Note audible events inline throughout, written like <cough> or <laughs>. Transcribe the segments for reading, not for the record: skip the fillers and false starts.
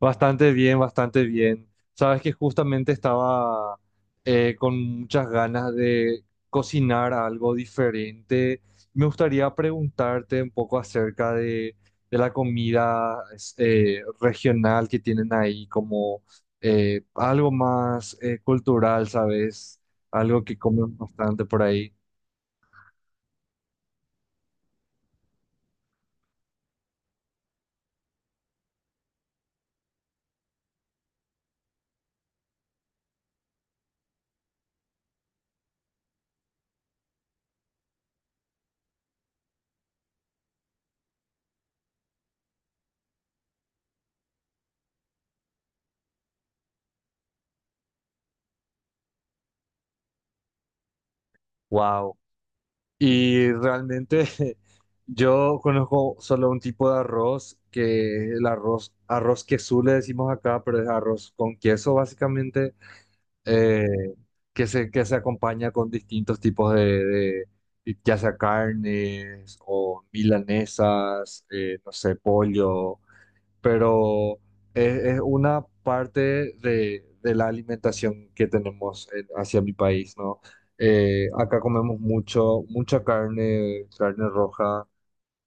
Bastante bien, bastante bien. Sabes que justamente estaba con muchas ganas de cocinar algo diferente. Me gustaría preguntarte un poco acerca de la comida regional que tienen ahí, como algo más cultural, ¿sabes? Algo que comen bastante por ahí. Wow. Y realmente <laughs> yo conozco solo un tipo de arroz, que el arroz, arroz queso le decimos acá, pero es arroz con queso básicamente, eh, que se acompaña con distintos tipos de ya sea carnes o milanesas, no sé, pollo, pero es una parte de la alimentación que tenemos hacia mi país, ¿no? Acá comemos mucho, mucha carne, carne roja,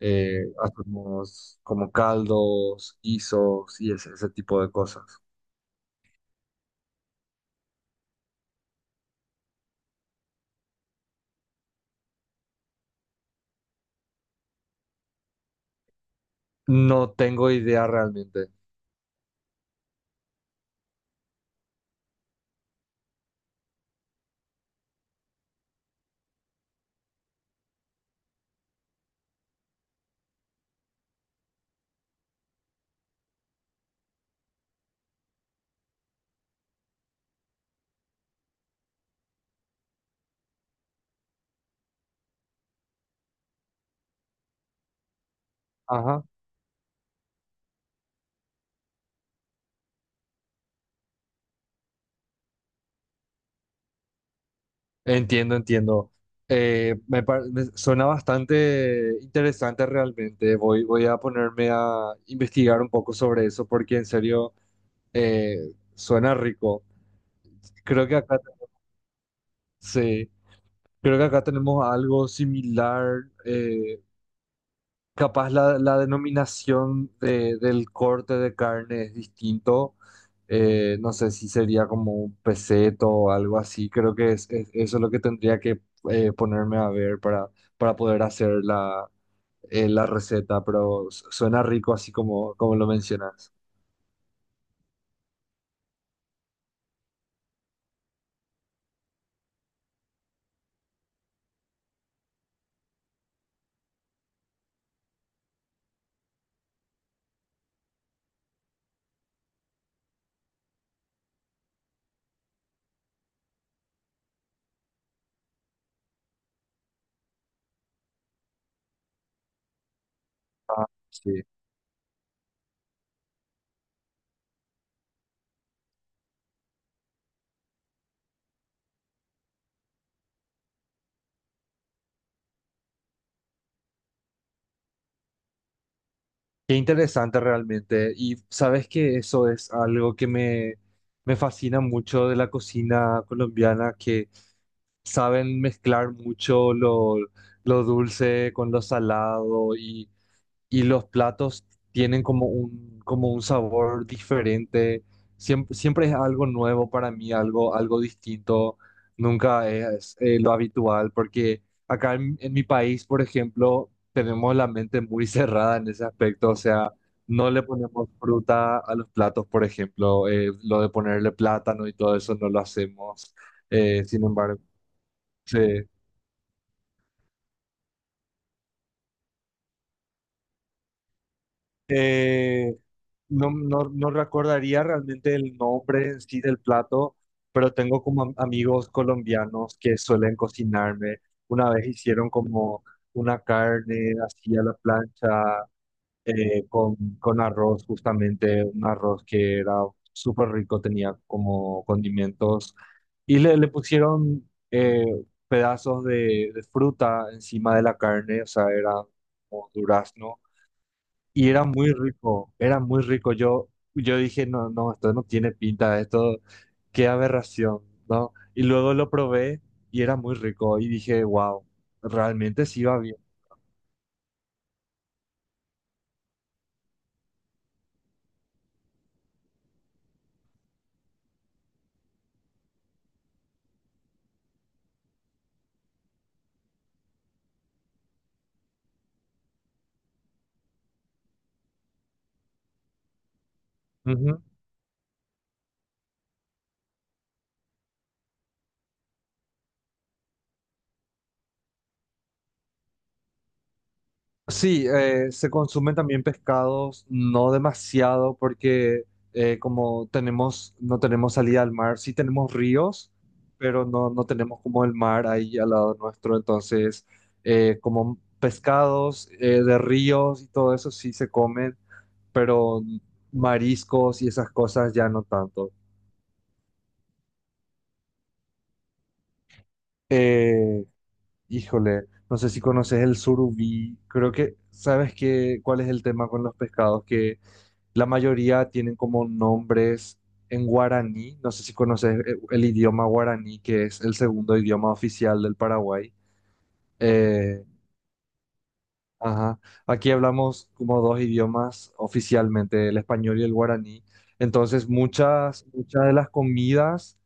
hacemos como caldos, guisos y ese tipo de cosas. No tengo idea realmente. Ajá, entiendo, entiendo. Me suena bastante interesante realmente. Voy a ponerme a investigar un poco sobre eso porque en serio eh, suena rico. Creo que acá, sí, creo que acá tenemos algo similar. Capaz la denominación del corte de carne es distinto. No sé si sería como un peseto o algo así. Creo que eso es lo que tendría que ponerme a ver para poder hacer la, la receta, pero suena rico así como, como lo mencionas. Sí. Qué interesante realmente. Y sabes que eso es algo que me fascina mucho de la cocina colombiana, que saben mezclar mucho lo dulce con lo salado y los platos tienen como como un sabor diferente. Siempre, siempre es algo nuevo para mí, algo, algo distinto. Nunca es lo habitual, porque acá en mi país, por ejemplo, tenemos la mente muy <laughs> cerrada en ese aspecto. O sea, no le ponemos fruta a los platos, por ejemplo. Lo de ponerle plátano y todo eso no lo hacemos. Sin embargo, sí. Eh, no, no, no recordaría realmente el nombre en sí del plato, pero tengo como amigos colombianos que suelen cocinarme. Una vez hicieron como una carne así a la plancha con arroz, justamente un arroz que era súper rico, tenía como condimentos y le pusieron pedazos de fruta encima de la carne, o sea, era como durazno y era muy rico, era muy rico. Yo dije, no, no, esto no tiene pinta, esto, qué aberración, ¿no? Y luego lo probé y era muy rico y dije, wow, realmente sí va bien. Sí, se consumen también pescados, no demasiado porque como tenemos, no tenemos salida al mar, sí tenemos ríos, pero no, no tenemos como el mar ahí al lado nuestro, entonces como pescados de ríos y todo eso sí se comen, pero mariscos y esas cosas ya no tanto. Eh, híjole, no sé si conoces el surubí, creo que sabes que cuál es el tema con los pescados que la mayoría tienen como nombres en guaraní. No sé si conoces el idioma guaraní, que es el segundo idioma oficial del Paraguay. Eh, ajá. Aquí hablamos como dos idiomas oficialmente, el español y el guaraní. Entonces, muchas, muchas de las comidas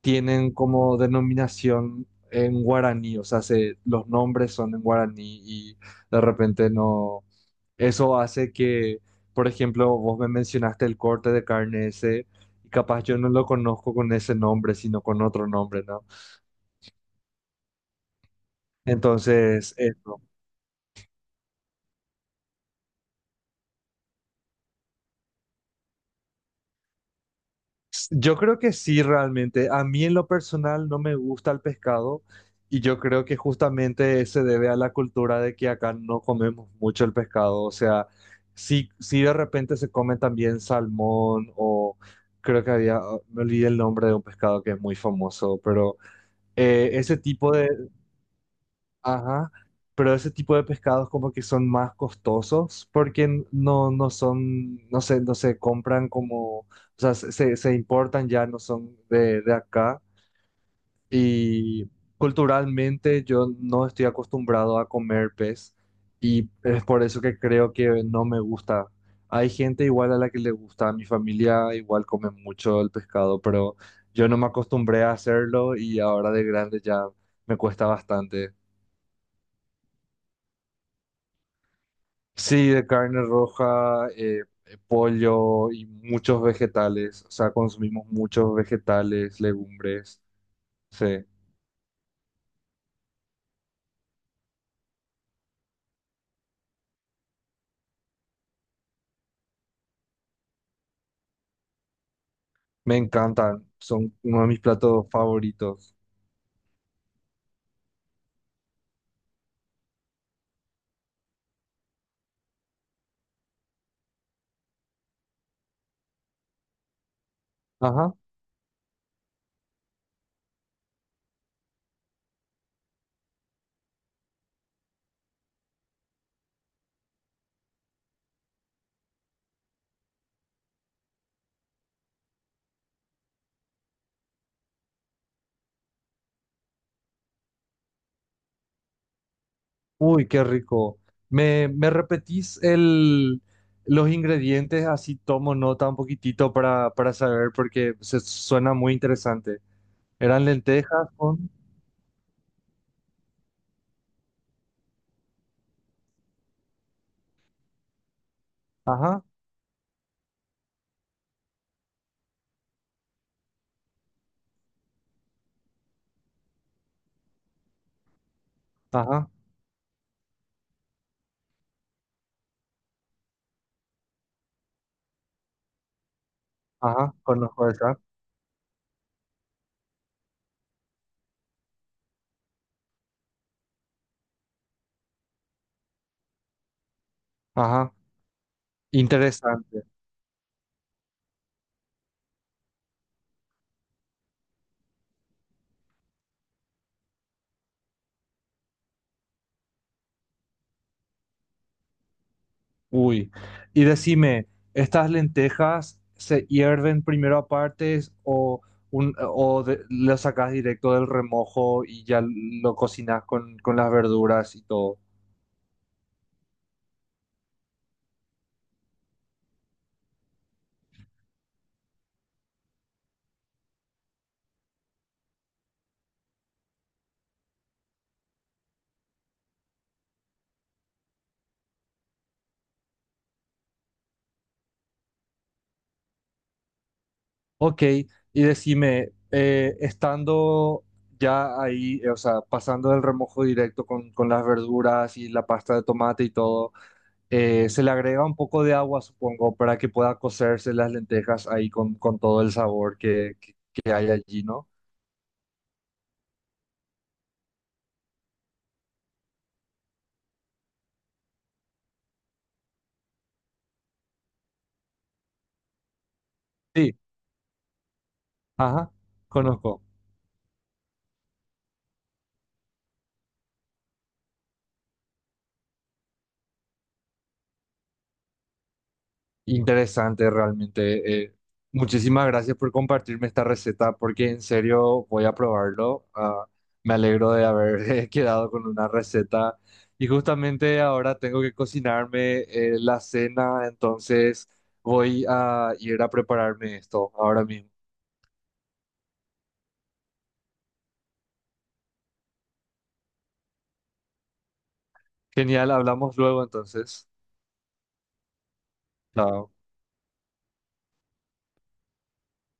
tienen como denominación en guaraní, o sea, los nombres son en guaraní y de repente no. Eso hace que, por ejemplo, vos me mencionaste el corte de carne ese, y capaz yo no lo conozco con ese nombre, sino con otro nombre, ¿no? Entonces, eso. Yo creo que sí, realmente. A mí en lo personal no me gusta el pescado, y yo creo que justamente se debe a la cultura de que acá no comemos mucho el pescado. O sea, sí, sí de repente se come también salmón, o creo que había, me olvidé el nombre de un pescado que es muy famoso, pero eh, ese tipo de, Ajá, pero ese tipo de pescados como que son más costosos porque no, no son, no se compran como, o sea, se importan ya, no son de acá. Y culturalmente yo no estoy acostumbrado a comer pez y es por eso que creo que no me gusta. Hay gente igual a la que le gusta, mi familia igual come mucho el pescado, pero yo no me acostumbré a hacerlo y ahora de grande ya me cuesta bastante. Sí, de carne roja, pollo y muchos vegetales. O sea, consumimos muchos vegetales, legumbres. Sí, me encantan. Son uno de mis platos favoritos. Ajá. Uy, qué rico. ¿ me repetís los ingredientes? Así tomo nota un poquitito para saber porque se suena muy interesante. Eran lentejas con... Ajá, ajá, ajá. Conozco esa. Ajá. Interesante. Uy, y decime, ¿estas lentejas se hierven primero aparte o, un, lo sacas directo del remojo y ya lo cocinas con las verduras y todo? Ok, y decime, estando ya ahí, o sea, pasando del remojo directo con las verduras y la pasta de tomate y todo, se le agrega un poco de agua, supongo, para que pueda cocerse las lentejas ahí con todo el sabor que, que hay allí, ¿no? Sí. Ajá, conozco. Interesante realmente. Muchísimas gracias por compartirme esta receta porque en serio voy a probarlo. Ah, me alegro de haber <laughs> quedado con una receta y justamente ahora tengo que cocinarme la cena, entonces voy a ir a prepararme esto ahora mismo. Genial, hablamos luego entonces. Chao.